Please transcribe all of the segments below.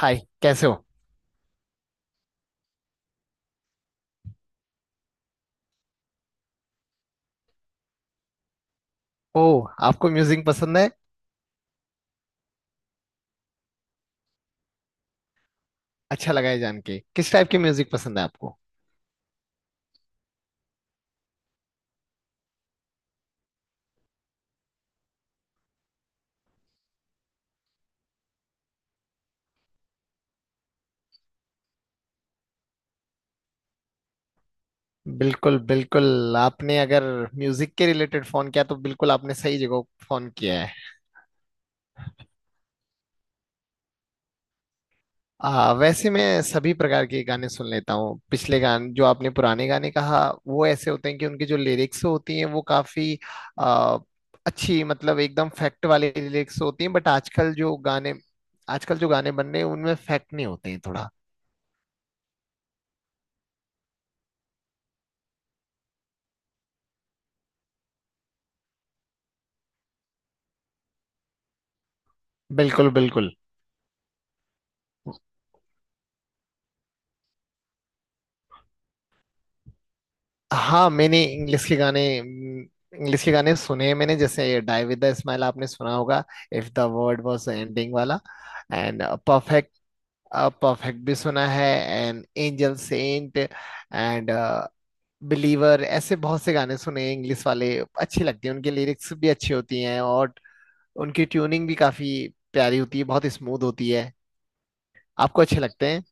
हाय, कैसे हो? ओह, आपको म्यूजिक पसंद है? अच्छा लगा है जान के। किस टाइप के म्यूजिक पसंद है आपको? बिल्कुल बिल्कुल, आपने अगर म्यूजिक के रिलेटेड फोन किया तो बिल्कुल आपने सही जगह फोन किया है। वैसे मैं सभी प्रकार के गाने सुन लेता हूँ। पिछले गाने जो आपने पुराने गाने कहा वो ऐसे होते हैं कि उनकी जो लिरिक्स होती हैं वो काफी आ, अच्छी, मतलब एकदम फैक्ट वाली लिरिक्स होती हैं। बट आजकल जो गाने बन रहे हैं उनमें फैक्ट नहीं होते हैं थोड़ा। बिल्कुल बिल्कुल। हाँ, मैंने इंग्लिश के गाने सुने हैं मैंने। जैसे ये डाई विद द स्माइल, आपने सुना होगा। If the world was ending वाला। एंड परफेक्ट, परफेक्ट भी सुना है। And angel, sent and believer, ऐसे बहुत से गाने सुने हैं इंग्लिश वाले। अच्छे लगते हैं, उनके लिरिक्स भी अच्छी होती हैं और उनकी ट्यूनिंग भी काफी प्यारी होती है, बहुत स्मूथ होती है। आपको अच्छे लगते हैं।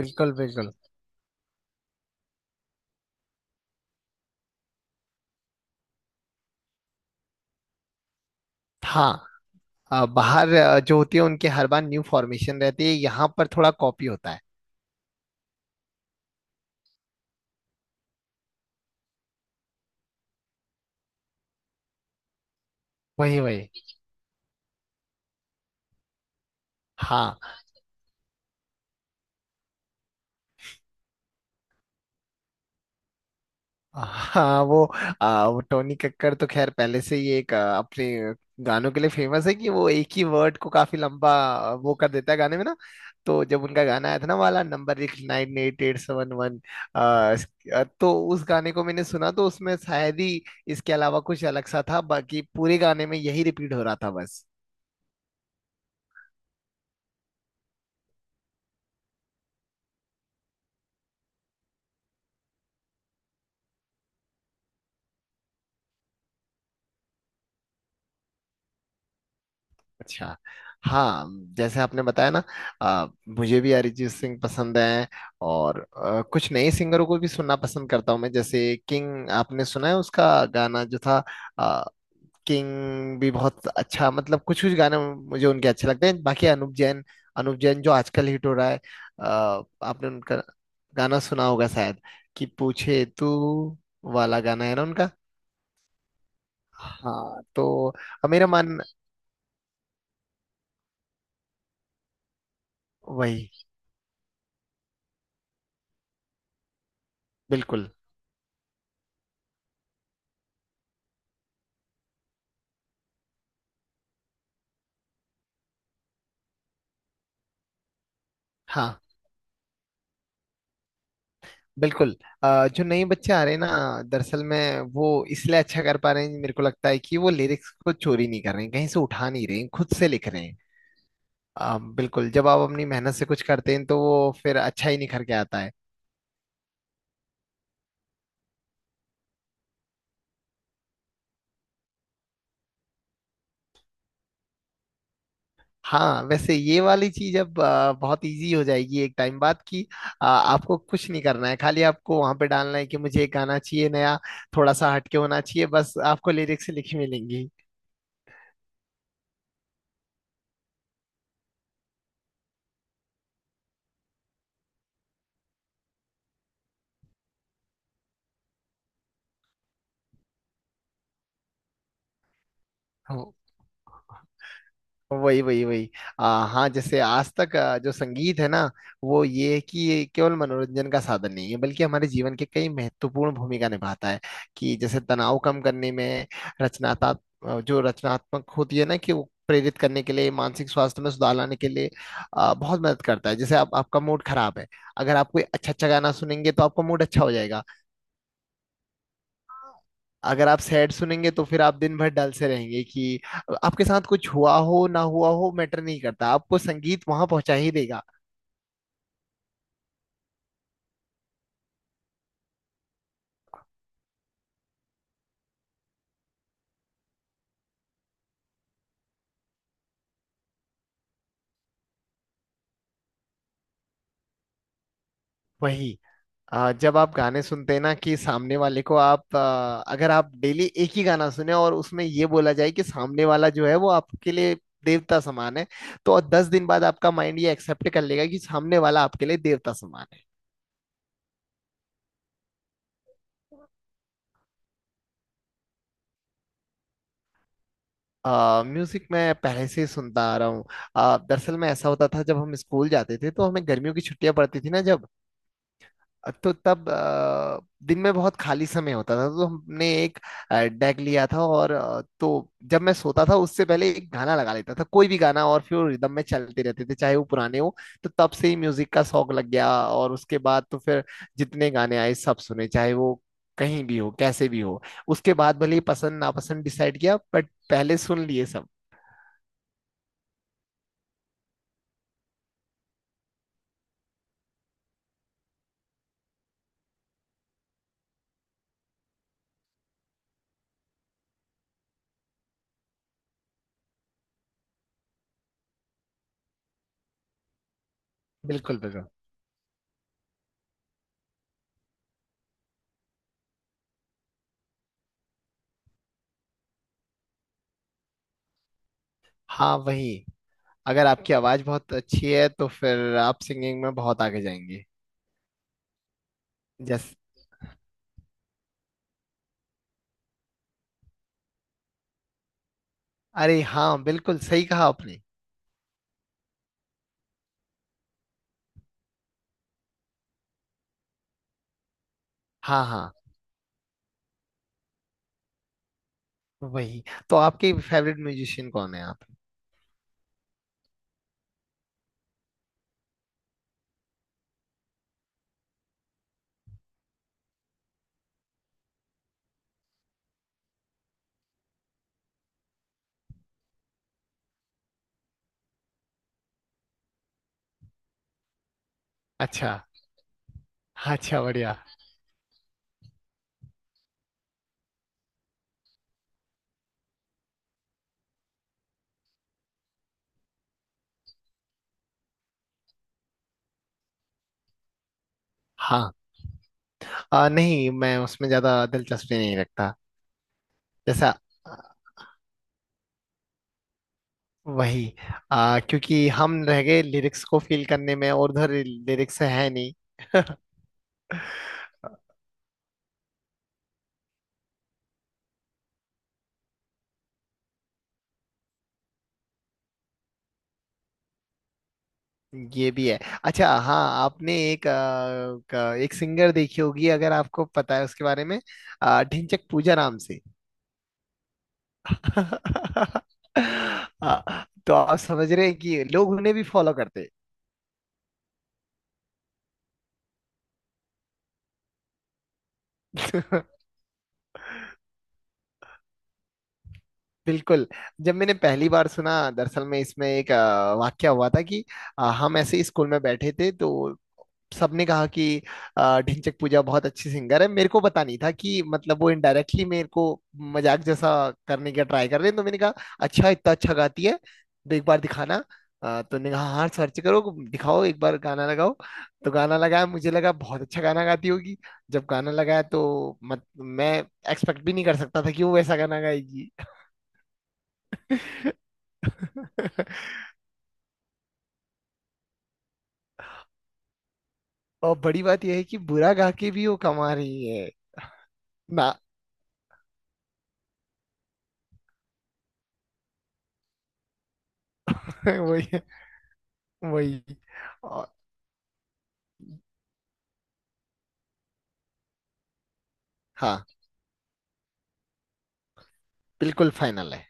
बिल्कुल बिल्कुल। हाँ। बाहर जो होती है उनके हर बार न्यू फॉर्मेशन रहती है। यहाँ पर थोड़ा कॉपी होता है। वही वही। हाँ हाँ। वो टोनी कक्कड़ तो खैर पहले से ही एक अपने गानों के लिए फेमस है, कि वो एक ही वर्ड को काफी लंबा वो कर देता है गाने में ना। तो जब उनका गाना आया था ना, वाला नंबर एक 9 8 8 7 1, तो उस गाने को मैंने सुना तो उसमें शायद ही इसके अलावा कुछ अलग सा था, बाकी पूरे गाने में यही रिपीट हो रहा था बस। अच्छा। हाँ, जैसे आपने बताया ना। आ, मुझे भी अरिजीत सिंह पसंद है। और कुछ नए सिंगरों को भी सुनना पसंद करता हूँ मैं। जैसे किंग, आपने सुना है उसका गाना जो था? आ, किंग भी बहुत अच्छा, मतलब कुछ कुछ गाने मुझे उनके अच्छे लगते हैं। बाकी अनुप जैन जो आजकल हिट हो रहा है। आपने उनका गाना सुना होगा शायद, कि पूछे तू वाला गाना है ना उनका। हाँ तो मेरा मन। वही। बिल्कुल। हाँ बिल्कुल। जो नए बच्चे आ रहे हैं ना, दरअसल में वो इसलिए अच्छा कर पा रहे हैं, मेरे को लगता है कि वो लिरिक्स को चोरी नहीं कर रहे हैं, कहीं से उठा नहीं रहे हैं, खुद से लिख रहे हैं। बिल्कुल, जब आप अपनी मेहनत से कुछ करते हैं तो वो फिर अच्छा ही निखर के आता है। हाँ वैसे ये वाली चीज अब बहुत इजी हो जाएगी एक टाइम बाद, कि आपको कुछ नहीं करना है, खाली आपको वहां पे डालना है कि मुझे एक गाना चाहिए नया, थोड़ा सा हटके होना चाहिए, बस आपको लिरिक्स लिखी मिलेंगी। हो। वही वही वही। हाँ, जैसे आज तक जो संगीत है ना, वो ये है कि ये केवल मनोरंजन का साधन नहीं है बल्कि हमारे जीवन के कई महत्वपूर्ण भूमिका निभाता है। कि जैसे तनाव कम करने में, रचनात्मक, जो रचनात्मक होती है ना कि वो प्रेरित करने के लिए, मानसिक स्वास्थ्य में सुधार लाने के लिए बहुत मदद करता है। जैसे आप, आपका मूड खराब है, अगर आप कोई अच्छा अच्छा गाना सुनेंगे तो आपका मूड अच्छा हो जाएगा। अगर आप सैड सुनेंगे तो फिर आप दिन भर डल से रहेंगे। कि आपके साथ कुछ हुआ हो ना हुआ हो मैटर नहीं करता, आपको संगीत वहां पहुंचा ही देगा। वही। जब आप गाने सुनते हैं ना, कि सामने वाले को आप, अगर आप डेली एक ही गाना सुने और उसमें ये बोला जाए कि सामने वाला जो है वो आपके लिए देवता समान है, तो 10 दिन बाद आपका माइंड ये एक्सेप्ट कर लेगा कि सामने वाला आपके लिए देवता समान है। म्यूजिक मैं पहले से ही सुनता आ रहा हूँ। दरअसल में ऐसा होता था, जब हम स्कूल जाते थे तो हमें गर्मियों की छुट्टियां पड़ती थी ना, जब, तो तब दिन में बहुत खाली समय होता था, तो हमने एक डेक लिया था। और तो जब मैं सोता था उससे पहले एक गाना लगा लेता था, कोई भी गाना, और फिर रिदम में चलते रहते थे, चाहे वो पुराने हो। तो तब से ही म्यूजिक का शौक लग गया। और उसके बाद तो फिर जितने गाने आए सब सुने, चाहे वो कहीं भी हो, कैसे भी हो। उसके बाद भले ही पसंद नापसंद डिसाइड किया, बट पहले सुन लिए सब। बिल्कुल बिल्कुल। हाँ। वही। अगर आपकी आवाज बहुत अच्छी है तो फिर आप सिंगिंग में बहुत आगे जाएंगे। जैस अरे हाँ, बिल्कुल सही कहा आपने। हाँ हाँ। वही। तो आपके फेवरेट म्यूजिशियन कौन है आप? अच्छा, अच्छा बढ़िया। हाँ। नहीं मैं उसमें ज्यादा दिलचस्पी नहीं रखता। जैसा, आ, वही। क्योंकि हम रह गए लिरिक्स को फील करने में और उधर लिरिक्स है नहीं। ये भी है। अच्छा, हाँ, आपने एक एक सिंगर देखी होगी, अगर आपको पता है उसके बारे में, ढिंचक पूजा नाम से। तो आप समझ रहे हैं कि लोग उन्हें भी फॉलो करते हैं। बिल्कुल। जब मैंने पहली बार सुना, दरअसल में इसमें एक वाक्य हुआ था, कि हम ऐसे ही स्कूल में बैठे थे तो सबने कहा कि ढिंचैक पूजा बहुत अच्छी सिंगर है। मेरे को पता नहीं था कि मतलब वो इनडायरेक्टली मेरे को मजाक जैसा करने का ट्राई कर रहे हैं। तो मैंने कहा अच्छा, इतना अच्छा गाती है, तो एक बार दिखाना। तो ने कहा हाँ, सर्च करो, दिखाओ, एक बार गाना लगाओ। तो गाना लगाया, मुझे लगा बहुत अच्छा गाना गाती होगी। जब गाना लगाया तो मत मैं एक्सपेक्ट भी नहीं कर सकता था कि वो वैसा गाना गाएगी। और बड़ी बात यह है कि बुरा गा के भी वो कमा रही है ना। वही वही। और। हाँ, बिल्कुल फाइनल है।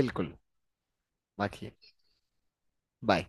बिल्कुल। बाकी है। बाय।